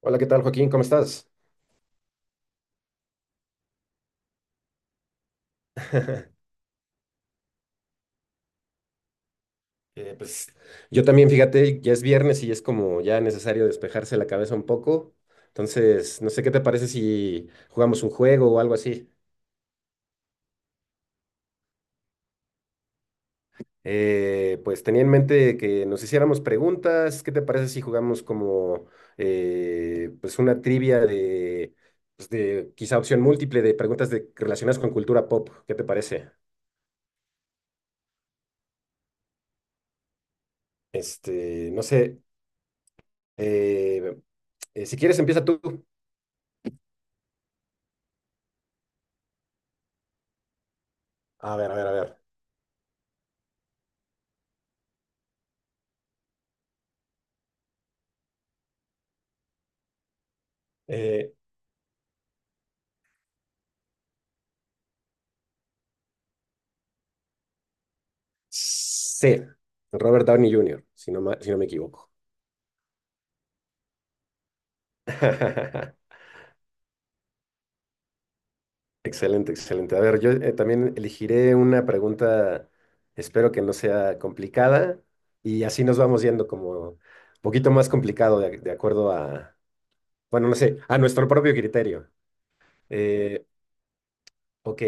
Hola, ¿qué tal, Joaquín? ¿Cómo estás? Eh, pues yo también, fíjate, ya es viernes y es como ya necesario despejarse la cabeza un poco. Entonces, no sé qué te parece si jugamos un juego o algo así. Pues tenía en mente que nos hiciéramos preguntas. ¿Qué te parece si jugamos como pues una trivia de, pues, de quizá opción múltiple de preguntas de, relacionadas con cultura pop? ¿Qué te parece? Este, no sé. eh, si quieres, empieza tú. A ver, a ver, a ver. Eh, Sí, Robert Downey Jr., si no me equivoco. Excelente, excelente. A ver, yo también elegiré una pregunta, espero que no sea complicada, y así nos vamos yendo como un poquito más complicado de acuerdo a, bueno, no sé, a nuestro propio criterio. Eh, ok,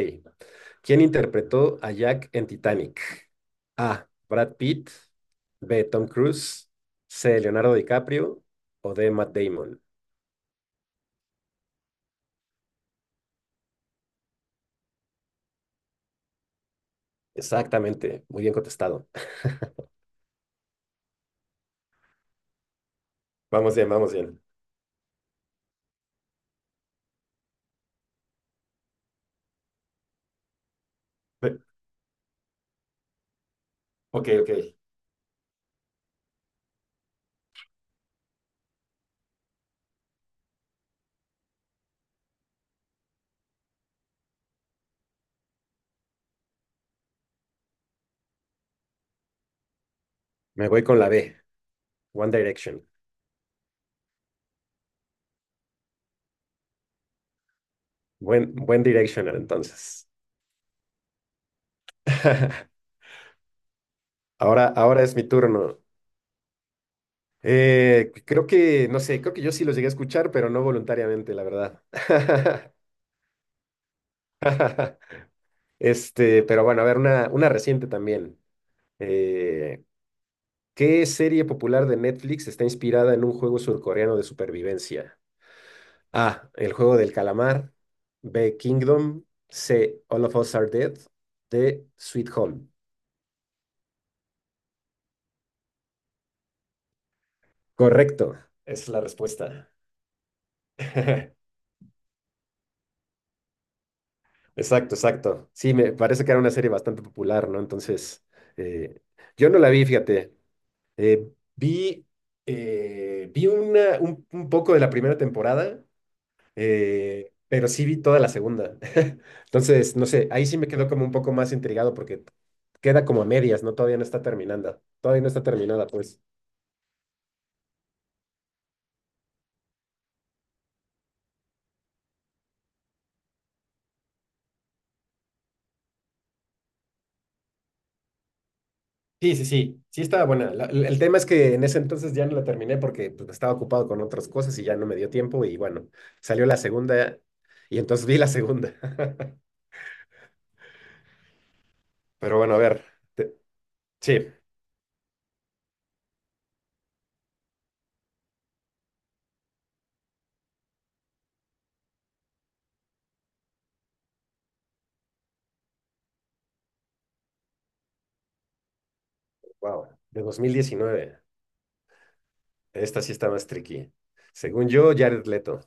¿quién interpretó a Jack en Titanic? A, Brad Pitt; B, Tom Cruise; C, Leonardo DiCaprio; o D, Matt Damon. Exactamente, muy bien contestado. Vamos bien, vamos bien. Eh, Ok, ok. Me voy con la B, One Direction. Buen, buen Directional, entonces. Ahora, ahora es mi turno. Creo que, no sé, creo que yo sí los llegué a escuchar, pero no voluntariamente, la verdad. Este, pero bueno, a ver, una reciente también. Eh, ¿Qué serie popular de Netflix está inspirada en un juego surcoreano de supervivencia? A. El juego del calamar. B. Kingdom. C. All of Us Are Dead. D. Sweet Home. Correcto. Esa es la respuesta. Exacto, exacto. Sí, me parece que era una serie bastante popular, ¿no? Entonces, eh, yo no la vi, fíjate. Eh, vi Vi un poco de la primera temporada. Pero sí vi toda la segunda. Entonces, no sé, ahí sí me quedó como un poco más intrigado porque queda como a medias, ¿no? Todavía no está terminada. Todavía no está terminada, pues. Sí, sí, sí, sí estaba buena. El tema es que en ese entonces ya no la terminé porque pues, estaba ocupado con otras cosas y ya no me dio tiempo y bueno, salió la segunda y entonces vi la segunda. Pero bueno, a ver, te- sí, wow, de dos mil diecinueve. Esta sí está más tricky. Según yo, Jared Leto.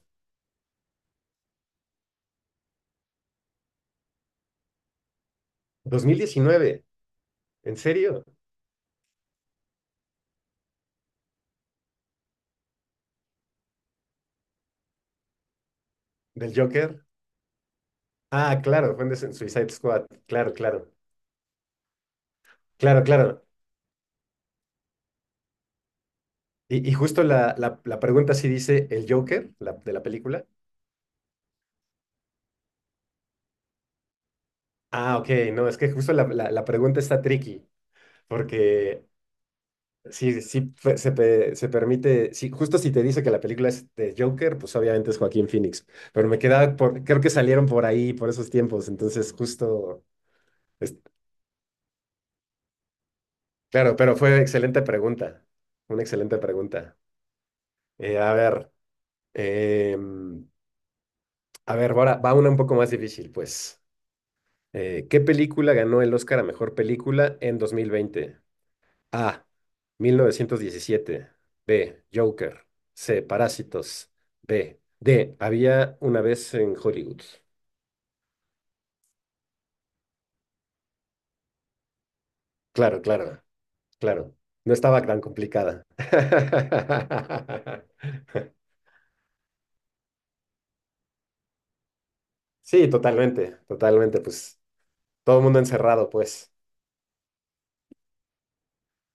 ¿Dos mil diecinueve, en serio? ¿Del Joker? Ah, claro, en Suicide Squad. Claro, claro. Claro, claro. Y justo la pregunta sí dice el Joker, la, de la película. Ah, ok, no, es que justo la pregunta está tricky, porque sí, se permite, sí, justo si te dice que la película es de Joker, pues obviamente es Joaquín Phoenix, pero me quedaba por, creo que salieron por ahí, por esos tiempos, entonces justo, es- claro, pero fue excelente pregunta, una excelente pregunta. A ver. Eh, A ver, ahora va una un poco más difícil, pues. ¿Qué película ganó el Oscar a mejor película en 2020? A. mil novecientos diecisiete. B. Joker. C. Parásitos. B. D. Había una vez en Hollywood. Claro, claro, claro. No estaba tan complicada. Sí, totalmente, totalmente, pues. Todo el mundo encerrado, pues.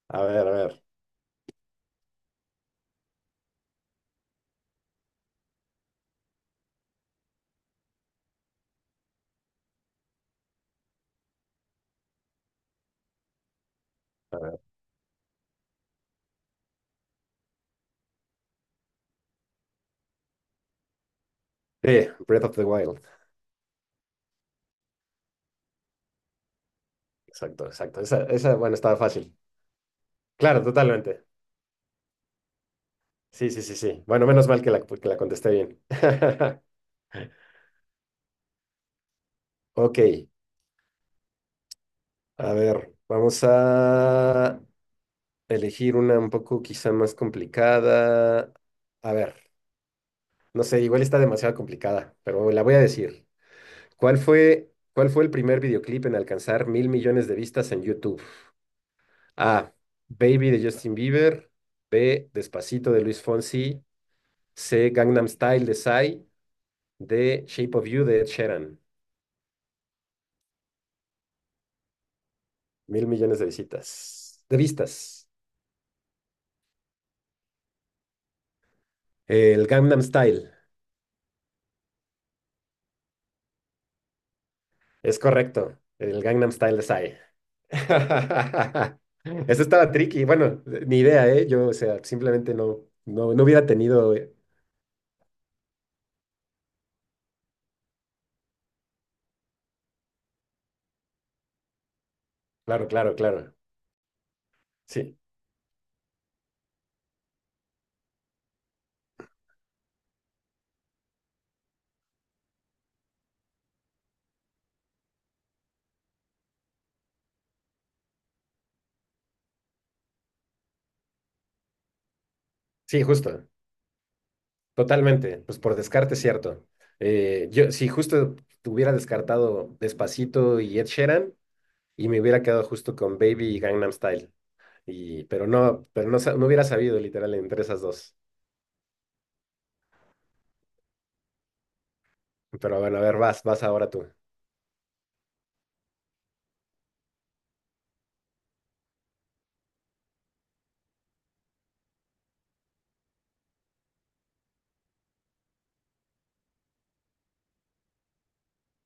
A ver, a ver, a ver. B. Breath of the Wild. Exacto, exacto. Esa, bueno, estaba fácil. Claro, totalmente. Sí, sí, sí, sí. Bueno, menos mal que la contesté bien. Ok, a ver, vamos a elegir una un poco quizá más complicada. A ver, no sé, igual está demasiado complicada, pero la voy a decir. Cuál fue el primer videoclip en alcanzar mil millones de vistas en YouTube? A. Baby de Justin Bieber. B. Despacito de Luis Fonsi. C. Gangnam Style de Psy. D. Shape of You de Ed Sheeran. Mil millones de visitas. De vistas. El Gangnam Style. Es correcto. El Gangnam Style de Psy. Eso estaba tricky. Bueno, ni idea, ¿eh? Yo, o sea, simplemente no hubiera tenido. Claro, claro, claro. Sí, sí, justo. Totalmente. Pues por descarte, cierto. Yo, si justo hubiera descartado Despacito y Ed Sheeran, y me hubiera quedado justo con Baby y Gangnam Style. Y, pero no, no hubiera sabido literal entre esas dos. Pero bueno, a ver, vas, vas ahora tú.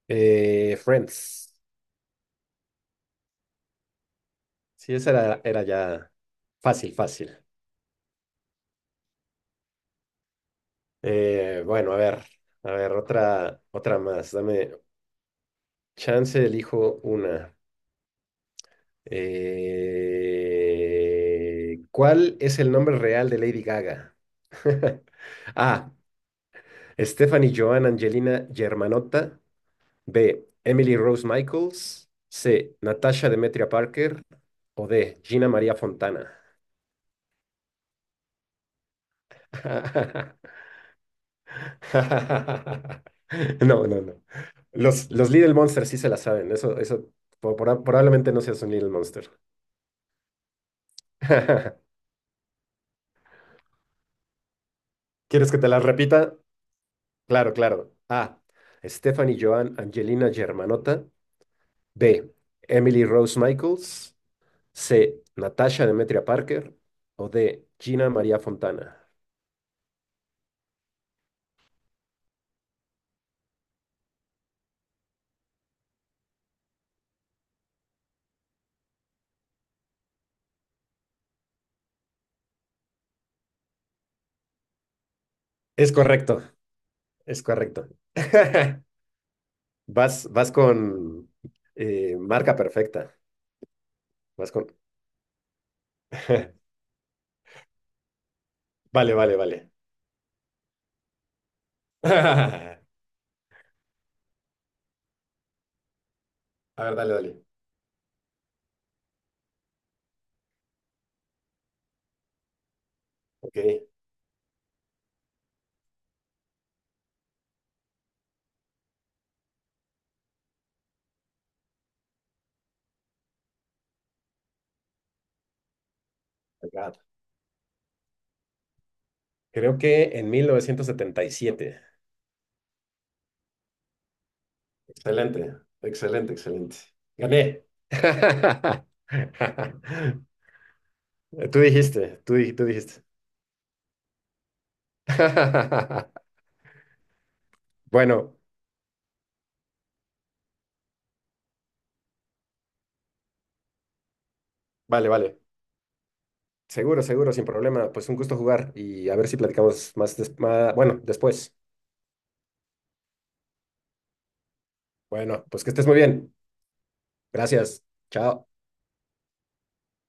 Friends. Sí, esa era, era ya fácil, fácil. Bueno, a ver, otra, otra más. Dame chance, elijo una. ¿Cuál es el nombre real de Lady Gaga? A. Stephanie Joan Angelina Germanotta. B. Emily Rose Michaels. C. Natasha Demetria Parker. O D. Gina María Fontana. No, no, no. Los Little Monsters sí se la saben. Eso probablemente no seas un Little Monster. ¿Quieres que te las repita? Claro, claro. A. Stephanie Joan Angelina Germanotta. B. Emily Rose Michaels. C. Natasha Demetria Parker. O D. Gina María Fontana. Es correcto, es correcto. Vas, vas con marca perfecta. Vas con. Vale, vale, vale. A ver, dale, dale. Ok, I got it. Creo que en 1977. Excelente, excelente, excelente. Gané. Tú dijiste, tú dijiste. Bueno, vale, vale. Seguro, seguro, sin problema. Pues un gusto jugar y a ver si platicamos más, bueno, después. Bueno, pues que estés muy bien. Gracias. Chao.